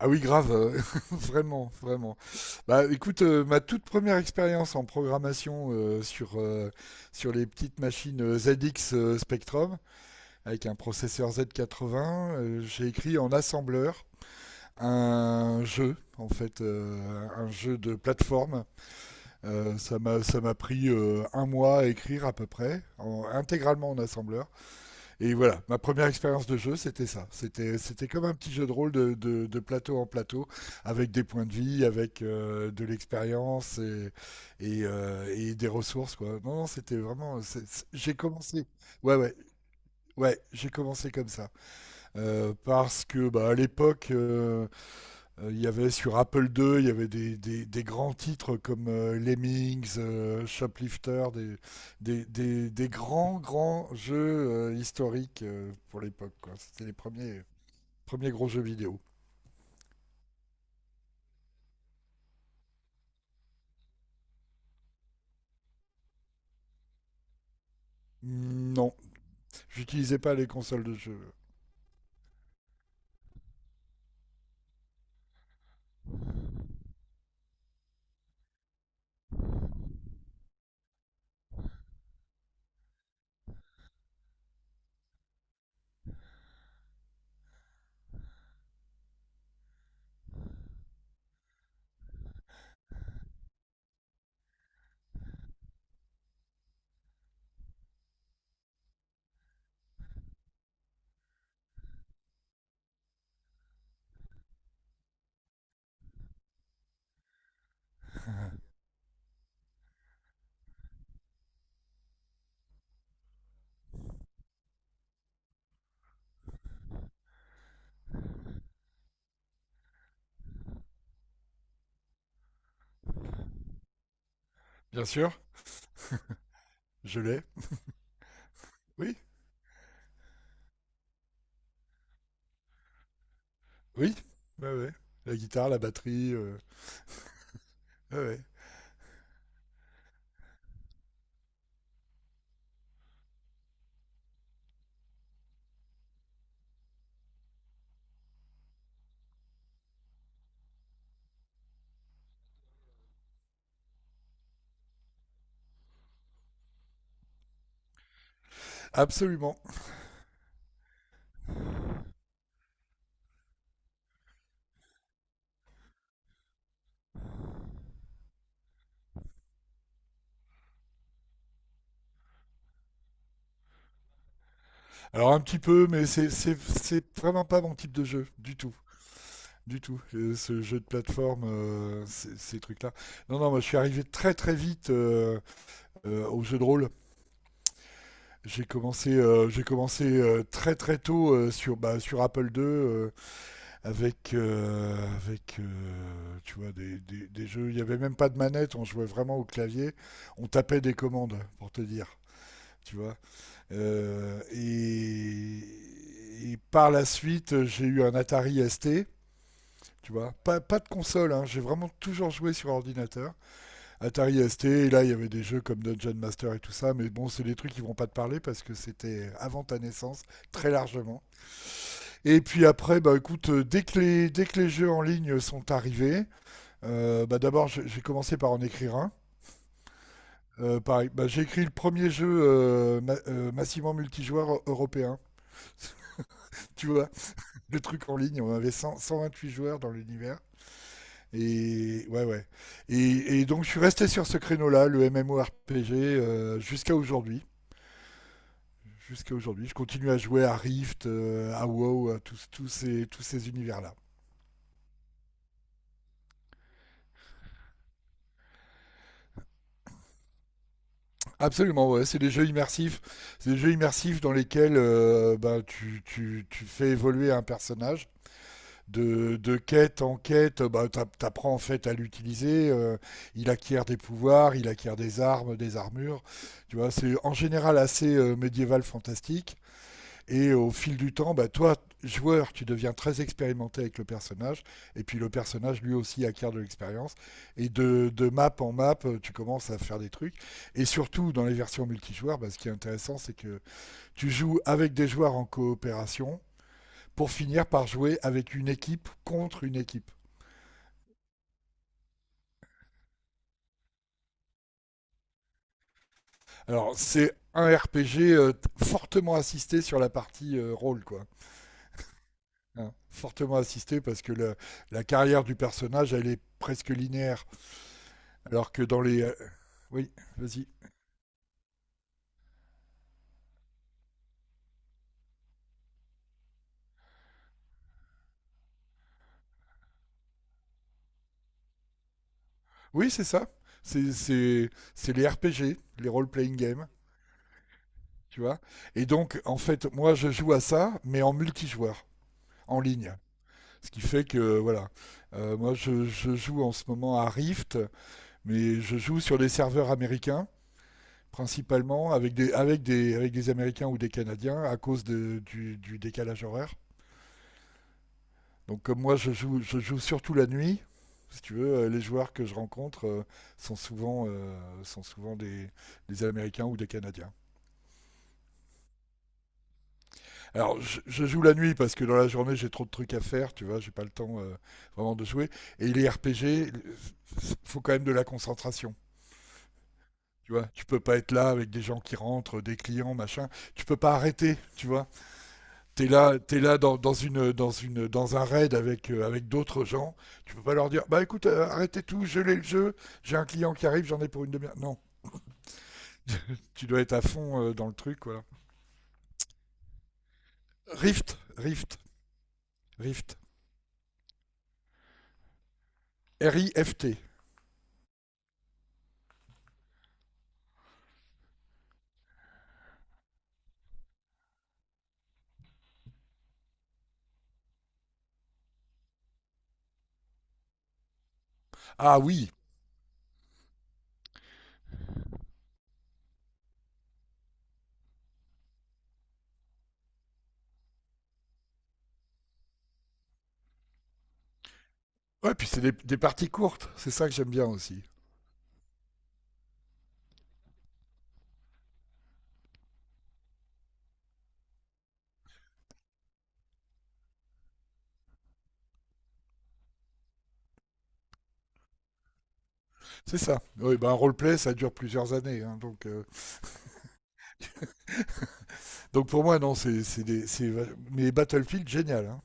Ah oui, grave, vraiment, vraiment. Bah, écoute, ma toute première expérience en programmation sur les petites machines ZX Spectrum avec un processeur Z80, j'ai écrit en assembleur un jeu, en fait, un jeu de plateforme. Ça m'a pris 1 mois à écrire à peu près, intégralement en assembleur. Et voilà, ma première expérience de jeu, c'était ça. C'était comme un petit jeu de rôle de plateau en plateau, avec des points de vie, avec de l'expérience et des ressources, quoi. Non, non, c'était vraiment. J'ai commencé. Ouais, ouais. Ouais, j'ai commencé comme ça. Parce que bah, à l'époque, il y avait sur Apple II, il y avait des grands titres comme Lemmings, Shoplifter, des grands jeux historiques pour l'époque, quoi. C'était premiers gros jeux vidéo. Mm, non, j'utilisais pas les consoles de jeu. Bien sûr, je l'ai. Oui, oui, ouais, ouais. La guitare, la batterie, ouais, ouais. Absolument. Alors un petit peu, mais c'est vraiment pas mon type de jeu du tout, du tout. Ce jeu de plateforme, ces trucs-là. Non, non, moi je suis arrivé très très vite au jeu de rôle. J'ai commencé très très tôt sur, bah, sur Apple II avec tu vois, des jeux. Il n'y avait même pas de manette, on jouait vraiment au clavier. On tapait des commandes, pour te dire. Tu vois. Et par la suite, j'ai eu un Atari ST. Tu vois, pas de console, hein. J'ai vraiment toujours joué sur ordinateur. Atari ST, et là il y avait des jeux comme Dungeon Master et tout ça, mais bon, c'est des trucs qui vont pas te parler parce que c'était avant ta naissance, très largement. Et puis après, bah écoute, dès que les jeux en ligne sont arrivés, bah d'abord j'ai commencé par en écrire un. Pareil, bah, j'ai écrit le premier jeu massivement multijoueur européen. Tu vois, le truc en ligne, on avait 100 128 joueurs dans l'univers. Et ouais, ouais. Et donc je suis resté sur ce créneau-là, le MMORPG, jusqu'à aujourd'hui. Jusqu'à aujourd'hui, je continue à jouer à Rift, à WoW, tous ces univers-là. Absolument, ouais. C'est des jeux immersifs. C'est des jeux immersifs dans lesquels bah, tu fais évoluer un personnage de quête en quête, bah, t'apprends en fait à l'utiliser. Il acquiert des pouvoirs, il acquiert des armes, des armures. Tu vois, c'est en général assez médiéval fantastique. Et au fil du temps, bah, toi, joueur, tu deviens très expérimenté avec le personnage, et puis le personnage lui aussi acquiert de l'expérience, et de map en map, tu commences à faire des trucs, et surtout dans les versions multijoueurs, bah, ce qui est intéressant, c'est que tu joues avec des joueurs en coopération, pour finir par jouer avec une équipe contre une équipe. Alors c'est un RPG fortement assisté sur la partie rôle, quoi, hein. Fortement assisté parce que la carrière du personnage, elle est presque linéaire. Alors que dans les. Oui, vas-y. Oui, c'est ça. C'est les RPG, les role-playing games, tu vois. Et donc, en fait, moi, je joue à ça, mais en multijoueur, en ligne. Ce qui fait que, voilà. Moi, je joue en ce moment à Rift, mais je joue sur des serveurs américains, principalement, avec des Américains ou des Canadiens, à cause du décalage horaire. Donc moi, je joue surtout la nuit. Si tu veux, les joueurs que je rencontre sont souvent des Américains ou des Canadiens. Alors, je joue la nuit parce que dans la journée, j'ai trop de trucs à faire, tu vois, j'ai pas le temps vraiment de jouer. Et les RPG, il faut quand même de la concentration. Tu vois, tu peux pas être là avec des gens qui rentrent, des clients, machin. Tu peux pas arrêter, tu vois. T'es là dans un raid avec d'autres gens. Tu peux pas leur dire, bah écoute, arrêtez tout, gelez le jeu. J'ai un client qui arrive, j'en ai pour une demi-heure. Non, tu dois être à fond dans le truc, voilà. Rift, Rift, Rift, R-I-F-T. Ah oui. Ouais, puis c'est des parties courtes. C'est ça que j'aime bien aussi. C'est ça. Oui, bah un roleplay, ça dure plusieurs années, hein, donc pour moi, non, c'est mais Battlefield, génial, hein.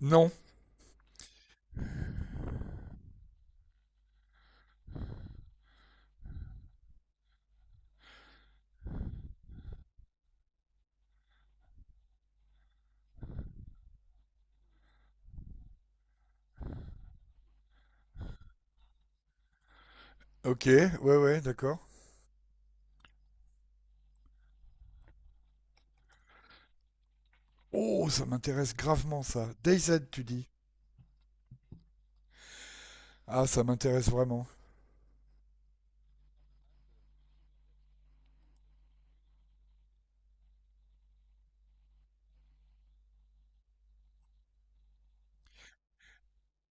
Non. Ok, ouais, ouais, d'accord. Oh, ça m'intéresse gravement ça. DayZ, tu dis? Ah, ça m'intéresse vraiment.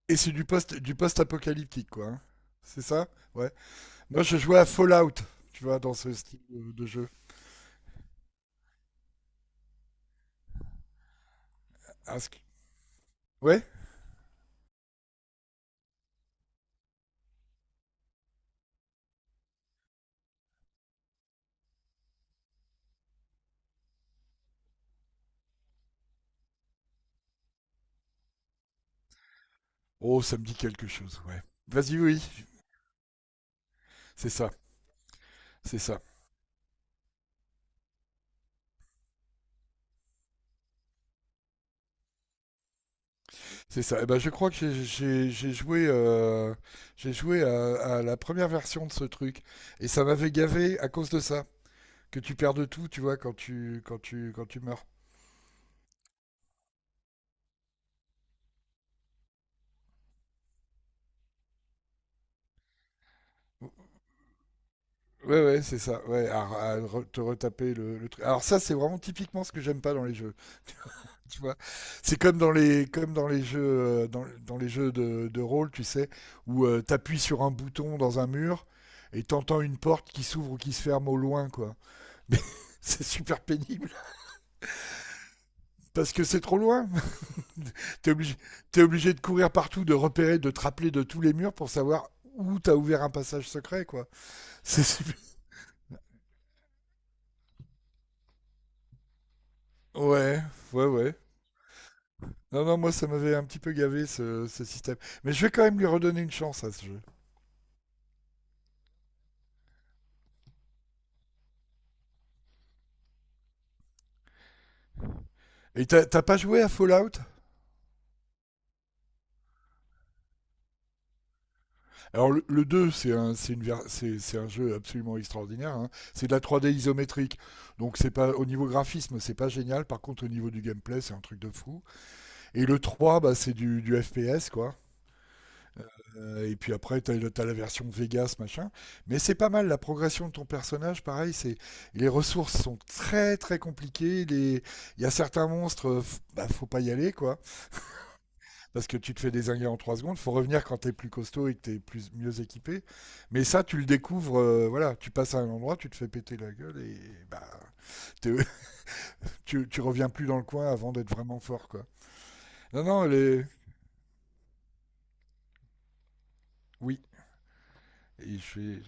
Et c'est du post-apocalyptique, quoi, hein. C'est ça. Ouais. Moi, je jouais à Fallout, tu vois, dans ce style de jeu. Ah, ce qui- Ouais. Oh, ça me dit quelque chose, ouais. Vas-y, oui. C'est ça, c'est ça, c'est ça. Et ben, je crois que j'ai j'ai joué à la première version de ce truc. Et ça m'avait gavé à cause de ça. Que tu perds de tout, tu vois, quand tu meurs. Ouais, ouais, c'est ça. Ouais, te retaper le truc. Alors ça, c'est vraiment typiquement ce que j'aime pas dans les jeux. Tu vois, c'est comme dans les jeux dans les jeux de rôle, tu sais, où t'appuies sur un bouton dans un mur et t'entends une porte qui s'ouvre ou qui se ferme au loin, quoi. Mais c'est super pénible parce que c'est trop loin. T'es obligé t'es obligé de courir partout, de repérer, de te rappeler de tous les murs pour savoir où t'as ouvert un passage secret, quoi. C'est super- Ouais, ouais, ouais. Non, non, moi ça m'avait un petit peu gavé ce système. Mais je vais quand même lui redonner une chance à ce jeu. Et t'as pas joué à Fallout? Alors le 2, c'est un, c'est une ver- c'est un jeu absolument extraordinaire, hein. C'est de la 3D isométrique. Donc c'est pas au niveau graphisme, c'est pas génial. Par contre, au niveau du gameplay, c'est un truc de fou. Et le 3 bah, c'est du FPS, quoi. Et puis après, tu as, la version Vegas, machin. Mais c'est pas mal, la progression de ton personnage, pareil, c'est les ressources sont très très compliquées. Les- Il y a certains monstres, bah, faut pas y aller, quoi. Parce que tu te fais désinguer en 3 secondes. Faut revenir quand t'es plus costaud et que tu mieux équipé. Mais ça, tu le découvres, voilà, tu passes à un endroit, tu te fais péter la gueule et bah, t'es- tu reviens plus dans le coin avant d'être vraiment fort, quoi. Non, non, les... oui. Et je fais-